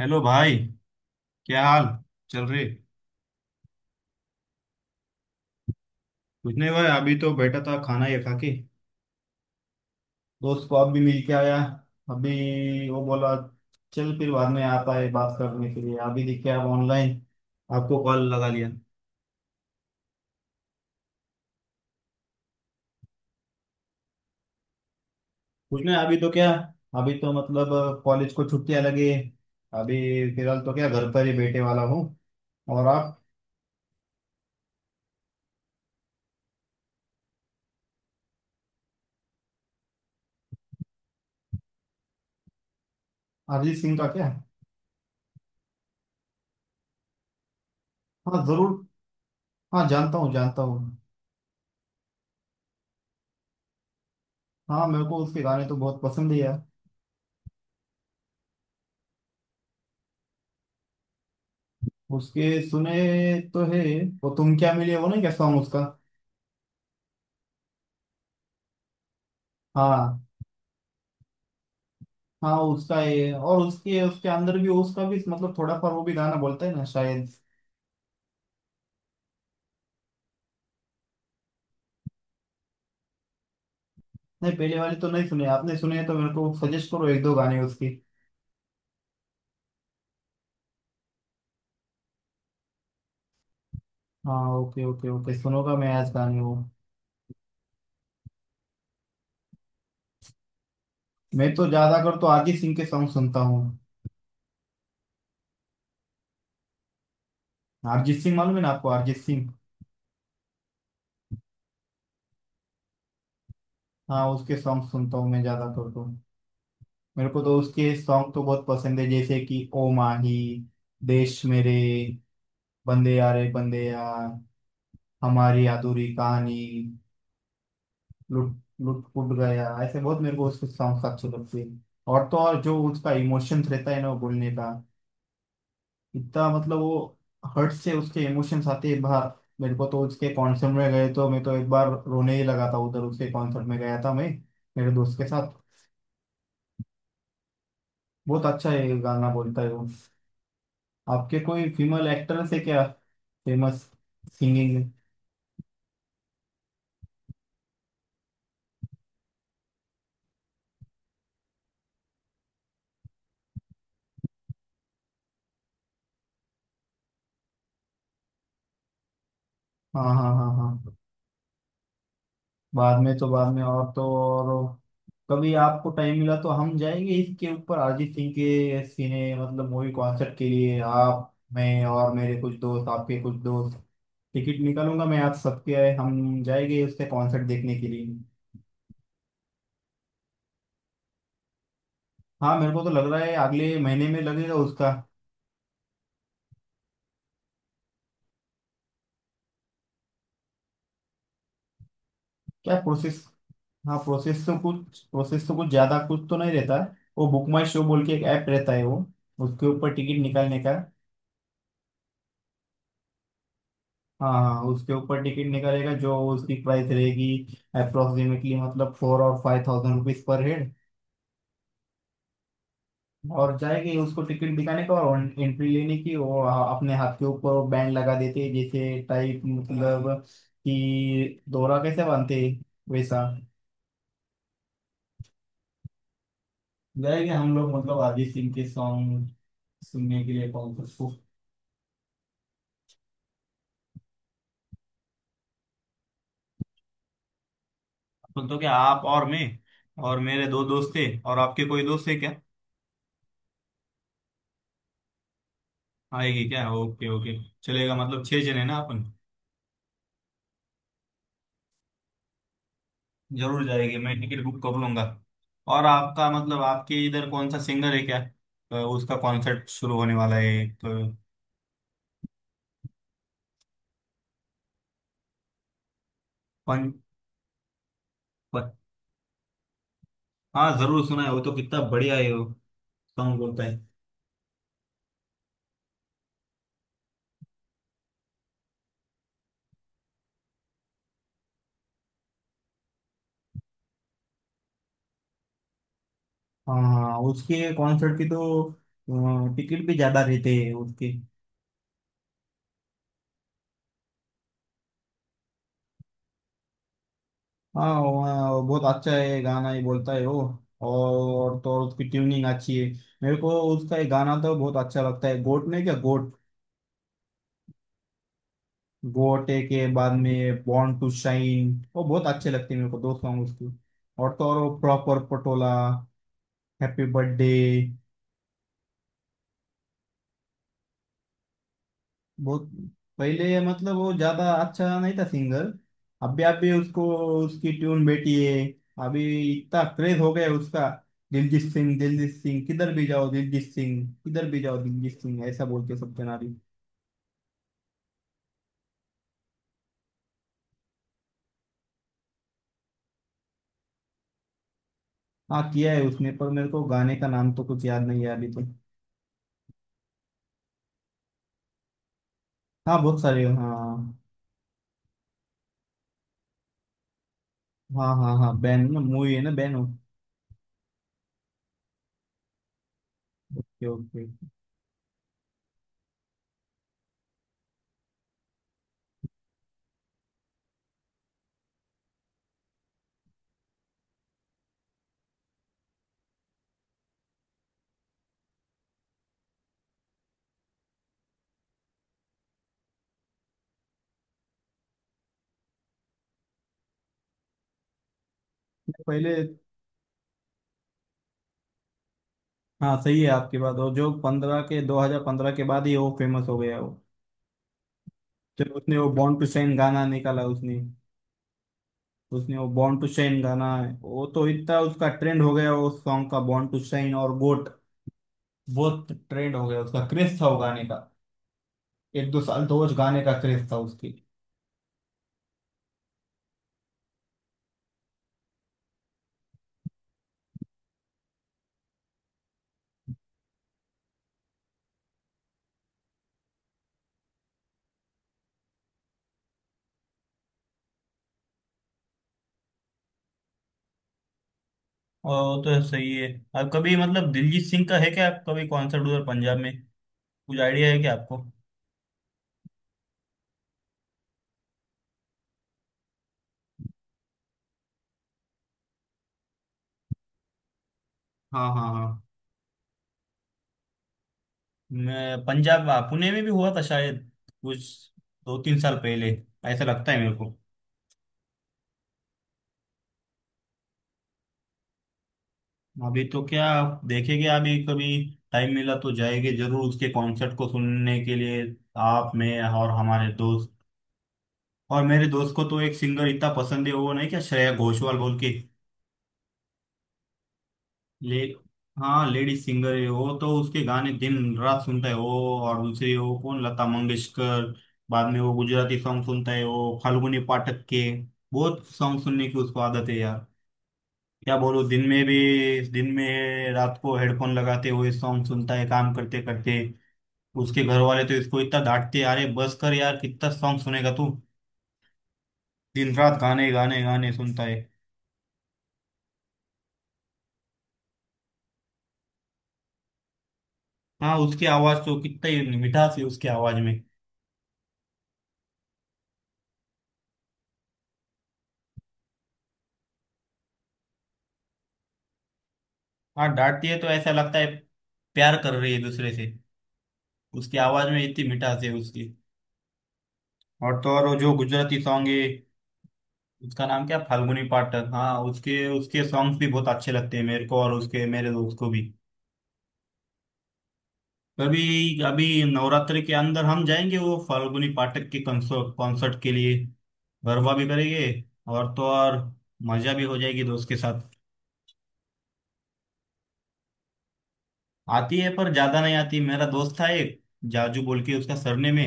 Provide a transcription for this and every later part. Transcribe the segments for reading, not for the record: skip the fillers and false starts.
Hello भाई। क्या हाल चल रहे? कुछ नहीं भाई, अभी तो बैठा था खाना ये खा के। दोस्त को अब भी मिल के आया। अभी वो बोला चल फिर बाद में आता है बात करने के लिए। अभी देखिए आप ऑनलाइन, आपको कॉल लगा लिया। कुछ नहीं अभी तो क्या, अभी तो मतलब कॉलेज को छुट्टियां लगी है। अभी फिलहाल तो क्या घर पर ही बैठे वाला हूँ। और आप? अरिजीत सिंह का क्या? हाँ जरूर। हाँ जानता हूँ जानता हूँ। हाँ मेरे को उसके गाने तो बहुत पसंद है यार। उसके सुने तो है। वो तुम क्या मिले, वो नहीं क्या सॉन्ग उसका? हाँ हाँ उसका है। और उसके उसके अंदर भी उसका भी मतलब थोड़ा पर वो भी गाना बोलता है ना शायद। नहीं पहले वाले तो नहीं सुने। आपने सुने हैं तो मेरे को सजेस्ट करो एक दो गाने उसके। हाँ, ओके ओके ओके, सुनूंगा मैं आज गाने वो। मैं तो ज्यादा कर तो अरिजीत सिंह के सॉन्ग सुनता हूँ। अरिजीत सिंह मालूम है ना आपको? अरिजीत सिंह। हाँ उसके सॉन्ग सुनता हूँ मैं ज्यादा कर तो। मेरे को तो उसके सॉन्ग तो बहुत पसंद है, जैसे कि ओ माही, देश मेरे, बंदे यारे बंदे यार, हमारी अधूरी कहानी, लुट लुट फुट गया, ऐसे बहुत मेरे को उसके सॉन्ग्स अच्छे लगते हैं। और तो और जो उसका इमोशंस रहता है ना वो बोलने का, इतना मतलब वो, हर्ट से उसके इमोशंस आते हैं बाहर। मेरे को तो उसके कॉन्सर्ट में गए तो मैं तो एक बार रोने ही लगा था उधर। उसके कॉन्सर्ट में गया था मैं मेरे दोस्त के साथ। बहुत अच्छा ये गाना बोलता है वो। आपके कोई फीमेल एक्टर्स है क्या, फेमस सिंगिंग में? हाँ हाँ हाँ हाँ। बाद में तो बाद में, और तो और, कभी आपको टाइम मिला तो हम जाएंगे इसके ऊपर अरिजीत सिंह के सिने मतलब मूवी कॉन्सर्ट के लिए। आप मैं और मेरे कुछ दोस्त, आपके कुछ दोस्त, टिकट निकालूंगा मैं आप सबके। हम जाएंगे उसके कॉन्सर्ट देखने के लिए। हाँ मेरे को तो लग रहा है अगले महीने में लगेगा उसका। क्या प्रोसेस? हाँ प्रोसेस तो कुछ, प्रोसेस तो कुछ ज़्यादा कुछ तो नहीं रहता है। वो बुक माई शो बोल के एक ऐप रहता है वो। उसके ऊपर टिकट निकालने का। हाँ हाँ, उसके ऊपर टिकट निकलेगा। जो उसकी प्राइस रहेगी अप्रोक्सीमेटली मतलब 4-5 थाउजेंड रुपीज पर हेड। और जाएगी उसको टिकट दिखाने का और एंट्री लेने की। और अपने हाथ के ऊपर बैंड लगा देते हैं जैसे टाइप मतलब कि दोहरा कैसे बांधते हैं, वैसा। जाएंगे हम लोग मतलब अरिजीत सिंह के सॉन्ग सुनने के लिए कॉन्सर्ट को। तो क्या आप और मैं और मेरे दो दोस्त थे। और आपके कोई दोस्त है क्या? आएगी क्या? ओके ओके, चलेगा। मतलब 6 जने ना अपन। जरूर जाएगी। मैं टिकट बुक कर लूंगा। और आपका मतलब आपके इधर कौन सा सिंगर है क्या, तो उसका कॉन्सर्ट शुरू होने वाला है तो? पन, प- हाँ जरूर सुना है। वो तो कितना बढ़िया है, वो सॉन्ग बोलता है। हाँ उसके कॉन्सर्ट की तो टिकट भी ज्यादा रहते हैं उसके। हाँ वो, बहुत अच्छा है। गाना ही बोलता है वो। और तो और उसकी ट्यूनिंग अच्छी है। मेरे को उसका एक गाना तो बहुत अच्छा लगता है, गोट नहीं क्या, गोट। गोटे के बाद में बॉर्न टू शाइन, वो बहुत अच्छे लगते हैं मेरे को दो सॉन्ग उसके। और तो और वो प्रॉपर पटोला, हैप्पी बर्थडे, बहुत। पहले मतलब वो ज्यादा अच्छा नहीं था सिंगर। अभी अभी उसको, उसकी ट्यून बेटी है। अभी इतना क्रेज हो गया है उसका। दिलजीत सिंह, दिलजीत सिंह, किधर भी जाओ दिलजीत सिंह, किधर भी जाओ दिलजीत सिंह, ऐसा बोल के सब जना रही। हाँ किया है उसने, पर मेरे को गाने का नाम तो कुछ याद नहीं है अभी तो। हाँ बहुत सारे, हाँ हाँ हाँ हाँ। बैन ना मूवी है ना, बैनो। Okay okay. पहले, हाँ सही है आपकी बात। और जो 15 के 2015 के बाद ही वो फेमस हो गया वो। जब उसने वो बॉर्न टू शाइन गाना निकाला, उसने उसने वो बॉर्न टू शाइन गाना है, वो तो इतना उसका ट्रेंड हो गया। वो सॉन्ग का बॉर्न टू शाइन और गोट बहुत ट्रेंड हो गया उसका, क्रेज था वो गाने का। 1-2 साल तो वो गाने का क्रेज था उसकी। और वो तो सही है। आप कभी मतलब दिलजीत सिंह का है क्या, आप कभी कॉन्सर्ट उधर पंजाब में कुछ आइडिया है क्या आपको? हाँ हाँ हाँ। पंजाब पुणे में भी हुआ था शायद, कुछ 2-3 साल पहले, ऐसा लगता है मेरे को। अभी तो क्या, देखेंगे। अभी कभी टाइम मिला तो जाएंगे जरूर उसके कॉन्सर्ट को सुनने के लिए, आप मैं और हमारे दोस्त। और मेरे दोस्त को तो एक सिंगर इतना पसंद है, वो नहीं क्या श्रेया घोषाल बोल के। ले हाँ लेडीज सिंगर है वो। तो उसके गाने दिन रात सुनता है वो। और दूसरी वो कौन, लता मंगेशकर। बाद में वो गुजराती सॉन्ग सुनता है वो फाल्गुनी पाठक के। बहुत सॉन्ग सुनने की उसको आदत है यार, क्या बोलूं। दिन में भी, दिन में रात को हेडफोन लगाते हुए सॉन्ग सुनता है काम करते करते। उसके घर वाले तो इसको इतना डांटते हैं, अरे बस कर यार कितना सॉन्ग सुनेगा तू। दिन रात गाने गाने गाने सुनता है। हाँ उसकी आवाज, तो कितना ही मिठास है उसकी आवाज में। हाँ डांटती है तो ऐसा लगता है प्यार कर रही है दूसरे से। उसकी आवाज में इतनी मिठास है उसकी। और तो और वो जो गुजराती सॉन्ग है उसका नाम क्या, फाल्गुनी पाठक। हाँ उसके उसके सॉन्ग्स भी बहुत अच्छे लगते हैं मेरे को और उसके, मेरे दोस्त को भी। अभी अभी नवरात्रि के अंदर हम जाएंगे वो फाल्गुनी पाठक के कॉन्सर्ट कॉन्सर्ट के लिए। गरबा भी करेंगे और तो और मजा भी हो जाएगी दोस्त के साथ। आती है, पर ज्यादा नहीं आती। मेरा दोस्त था एक, जाजू बोल के उसका सरनेम है।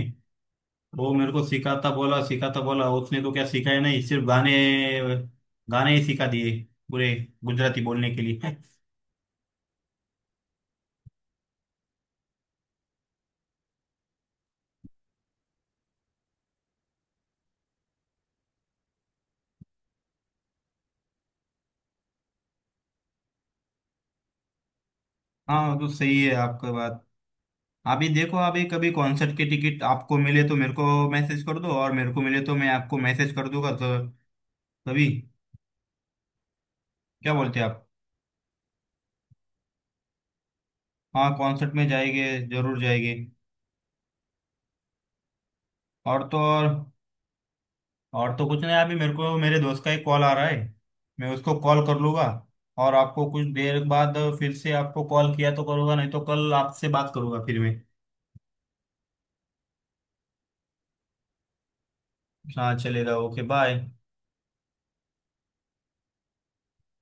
वो मेरे को सिखाता बोला सिखाता बोला, उसने तो क्या सिखाया नहीं, सिर्फ गाने गाने ही सिखा दिए, पूरे गुजराती बोलने के लिए। हाँ तो सही है आपका बात। अभी देखो, अभी कभी कॉन्सर्ट की टिकट आपको मिले तो मेरे को मैसेज कर दो, और मेरे को मिले तो मैं आपको मैसेज कर दूंगा तो। तभी क्या बोलते हैं आप? हाँ कॉन्सर्ट में जाएंगे जरूर जाएंगे। और तो और तो कुछ नहीं अभी मेरे को, मेरे दोस्त का एक कॉल आ रहा है, मैं उसको कॉल कर लूंगा। और आपको कुछ देर बाद फिर से आपको कॉल किया तो करूंगा, नहीं तो कल आपसे बात करूंगा फिर मैं। हाँ चलेगा, ओके बाय।